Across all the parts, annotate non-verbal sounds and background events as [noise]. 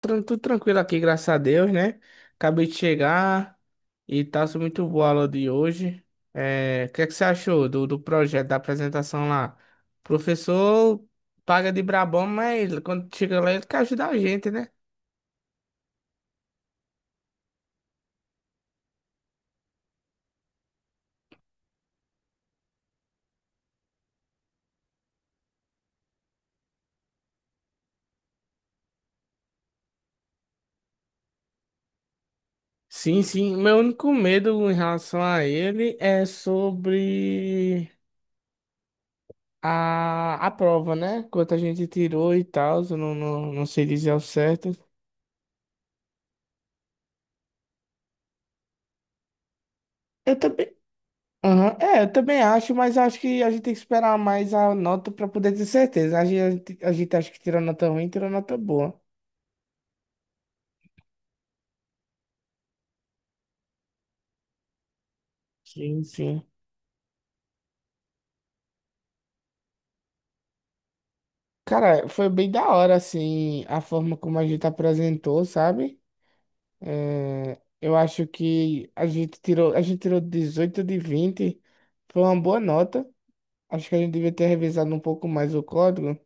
Tudo tranquilo aqui, graças a Deus, né? Acabei de chegar e tá sendo muito boa a aula de hoje. É, o que é que você achou do projeto, da apresentação lá? O professor paga de brabão, mas quando chega lá ele quer ajudar a gente, né? Sim, sim. Meu único medo em relação a ele é sobre a prova, né? Quanto a gente tirou e tal, eu não sei dizer ao certo. Eu também. Aham, é, eu também acho, mas acho que a gente tem que esperar mais a nota para poder ter certeza. A gente acha que tirou nota ruim, tirou nota boa. Sim, sim. Cara, foi bem da hora, assim, a forma como a gente apresentou, sabe? É, eu acho que a gente tirou 18 de 20, foi uma boa nota. Acho que a gente devia ter revisado um pouco mais o código,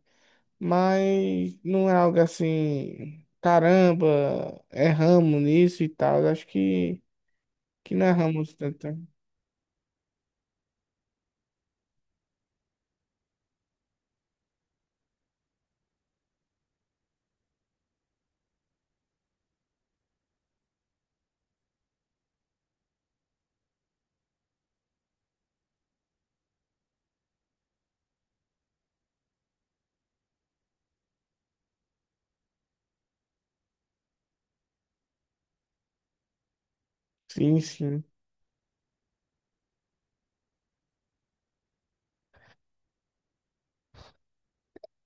mas não é algo assim, caramba, erramos nisso e tal. Acho que. Que narramos tanta. Sim, sim.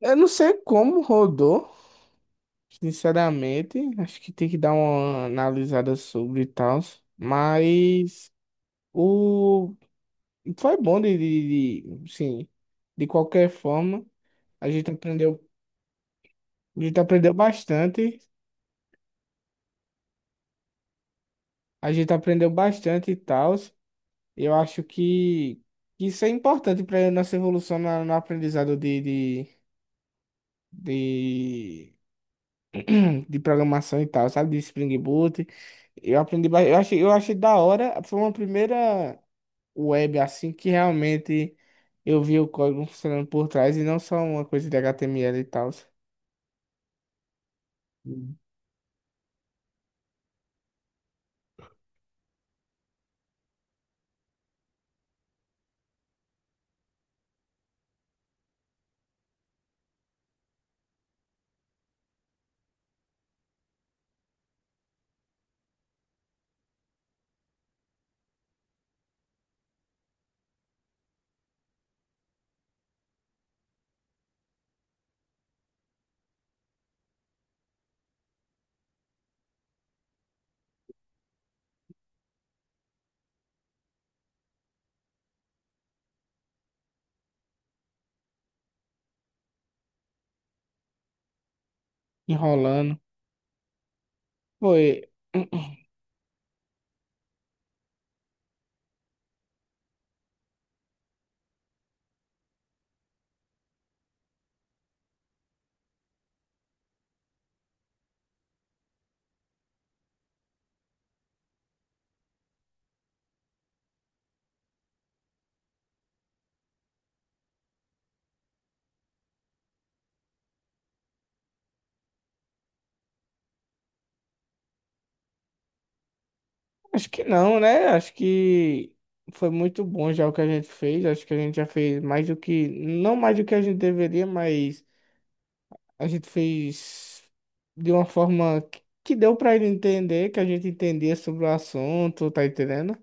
Eu não sei como rodou, sinceramente. Acho que tem que dar uma analisada sobre e tal. Mas o... foi bom sim. De qualquer forma, a gente aprendeu. A gente aprendeu bastante. A gente aprendeu bastante e tal. Eu acho que isso é importante para nossa evolução no aprendizado de, de [clears throat] de programação e tal, sabe? De Spring Boot. Eu aprendi, eu achei, da hora. Foi uma primeira web assim que realmente eu vi o código funcionando por trás e não só uma coisa de HTML e tal. Hum. Enrolando. Foi, [clears throat] acho que não, né? Acho que foi muito bom já o que a gente fez. Acho que a gente já fez mais do que, não mais do que a gente deveria, mas a gente fez de uma forma que deu pra ele entender, que a gente entendia sobre o assunto, tá entendendo?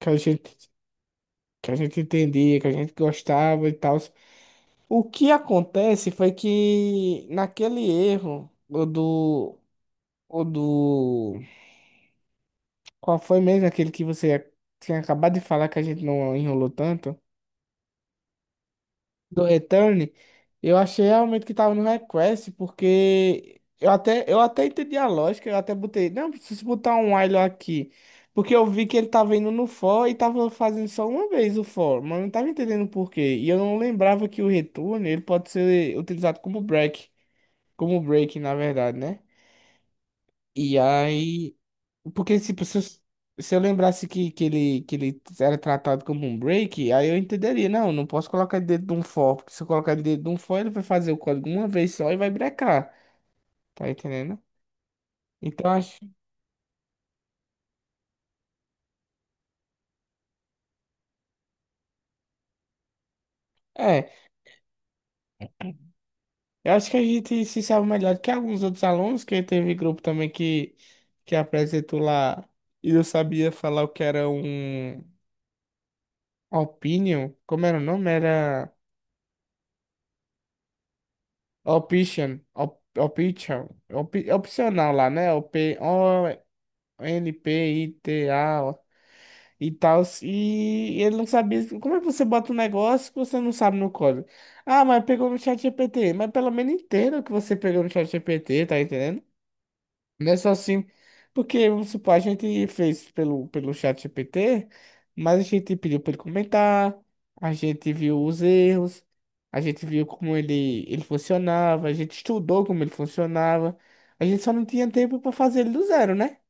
Que a gente, que a gente entendia, que a gente gostava e tal. O que acontece foi que naquele erro, o do, qual foi mesmo aquele que você tinha acabado de falar que a gente não enrolou tanto? Do Return, eu achei realmente que tava no request, porque eu até entendi a lógica, eu até botei, não, preciso botar um while aqui, porque eu vi que ele tava indo no for e tava fazendo só uma vez o for, mas eu não tava entendendo por quê, e eu não lembrava que o return, ele pode ser utilizado como break, na verdade, né? E aí porque, tipo, se eu lembrasse que ele era tratado como um break, aí eu entenderia. Não, não posso colocar ele dentro de um for, porque se eu colocar ele dentro de um for, ele vai fazer o código uma vez só e vai brecar. Tá entendendo? Então, acho. É, eu acho que a gente se sabe melhor do que alguns outros alunos, que teve grupo também que apresentou lá e eu sabia falar o que era um opinion. Como era o nome? Era. Option, option, opcional lá, né? N P I T A e tal. E ele não sabia. Como é que você bota um negócio que você não sabe no código? Ah, mas pegou no chat GPT. Mas pelo menos entenda o que você pegou no chat GPT, tá entendendo? Não é só assim. Porque, vamos supor, a gente fez pelo chat GPT, mas a gente pediu para ele comentar, a gente viu os erros, a gente viu como ele funcionava, a gente estudou como ele funcionava. A gente só não tinha tempo para fazer ele do zero, né?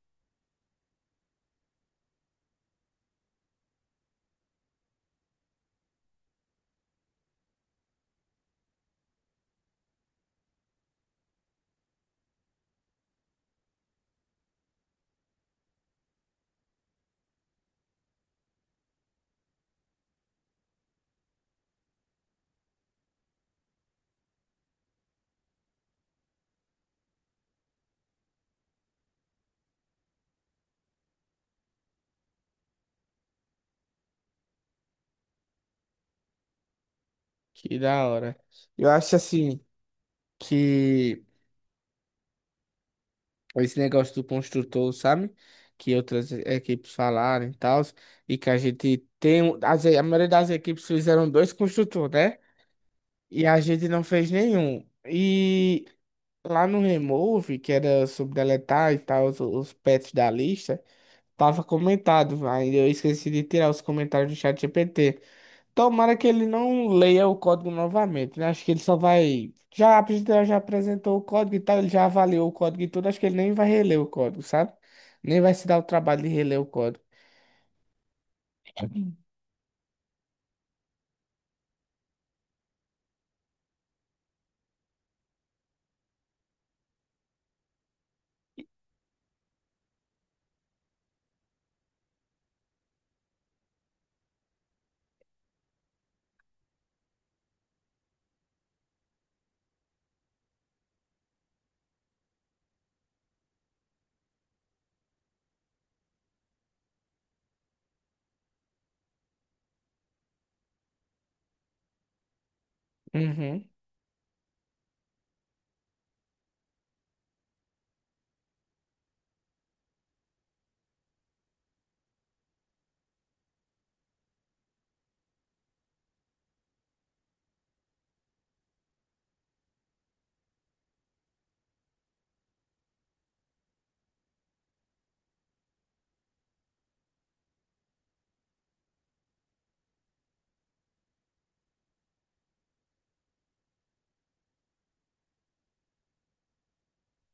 Que da hora. Eu acho assim que esse negócio do construtor, sabe? Que outras equipes falaram e tal, e que a gente tem. A maioria das equipes fizeram dois construtores, né? E a gente não fez nenhum. E lá no Remove, que era sobre deletar e tal, os pets da lista, tava comentado. Ainda eu esqueci de tirar os comentários do chat GPT. Tomara que ele não leia o código novamente, né? Acho que ele só vai. Já, a pessoa já apresentou o código e tal, ele já avaliou o código e tudo. Acho que ele nem vai reler o código, sabe? Nem vai se dar o trabalho de reler o código. Uhum.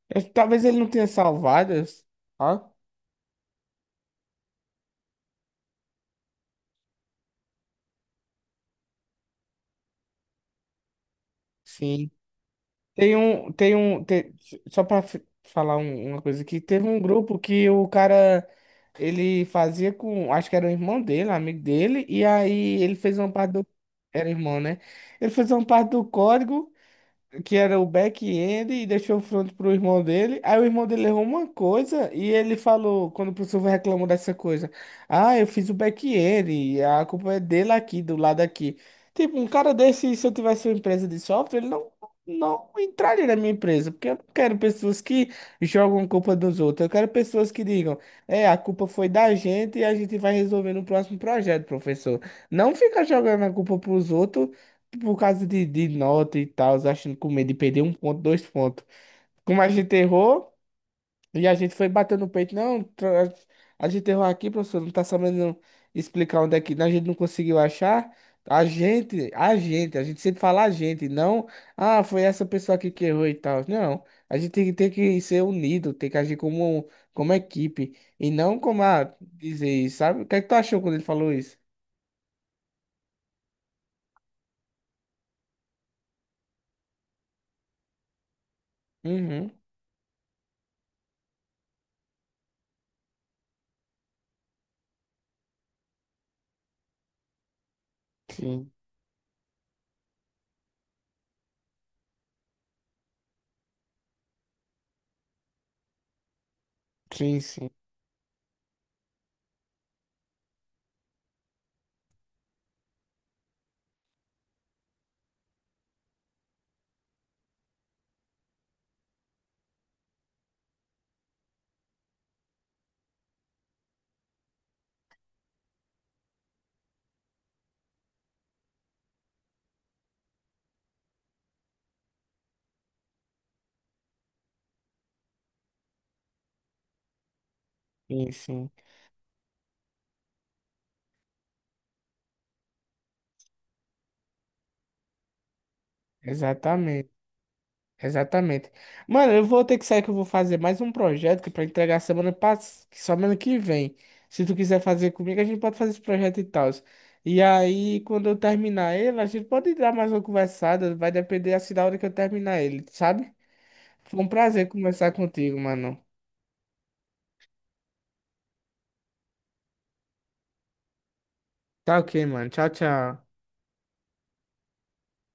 Talvez ele não tenha salvado. Ó, sim. Tem um. Tem um. tem- Só pra falar uma coisa aqui, teve um grupo que o cara. Ele fazia com. Acho que era o irmão dele, amigo dele, e aí ele fez uma parte do. Era irmão, né? Ele fez uma parte do código, que era o back-end e deixou o front pro irmão dele. Aí o irmão dele errou uma coisa e ele falou, quando o professor reclamou dessa coisa, ah, eu fiz o back-end, e a culpa é dele aqui, do lado aqui. Tipo, um cara desse, se eu tivesse uma empresa de software, ele não entraria na minha empresa, porque eu não quero pessoas que jogam culpa dos outros. Eu quero pessoas que digam, é, a culpa foi da gente e a gente vai resolver no próximo projeto, professor. Não fica jogando a culpa pros outros por causa de nota e tal, achando com medo de perder um ponto, dois pontos. Como a gente errou, e a gente foi batendo no peito, não, a gente errou aqui, professor, não tá sabendo explicar onde é que, a gente não conseguiu achar. A gente sempre fala a gente, não, ah, foi essa pessoa aqui que errou e tal. Não, a gente tem que ser unido, tem que agir como equipe, e não como a dizer isso, sabe? O que é que tu achou quando ele falou isso? Uhum, sim, sim, sim, sim, sim, exatamente. Exatamente. Mano, eu vou ter que sair que eu vou fazer mais um projeto que para entregar semana passada, semana que vem. Se tu quiser fazer comigo, a gente pode fazer esse projeto e tal. E aí, quando eu terminar ele, a gente pode dar mais uma conversada, vai depender assim da hora que eu terminar ele, sabe? Foi um prazer conversar contigo, mano. Tá ok, mano. Tchau, tchau.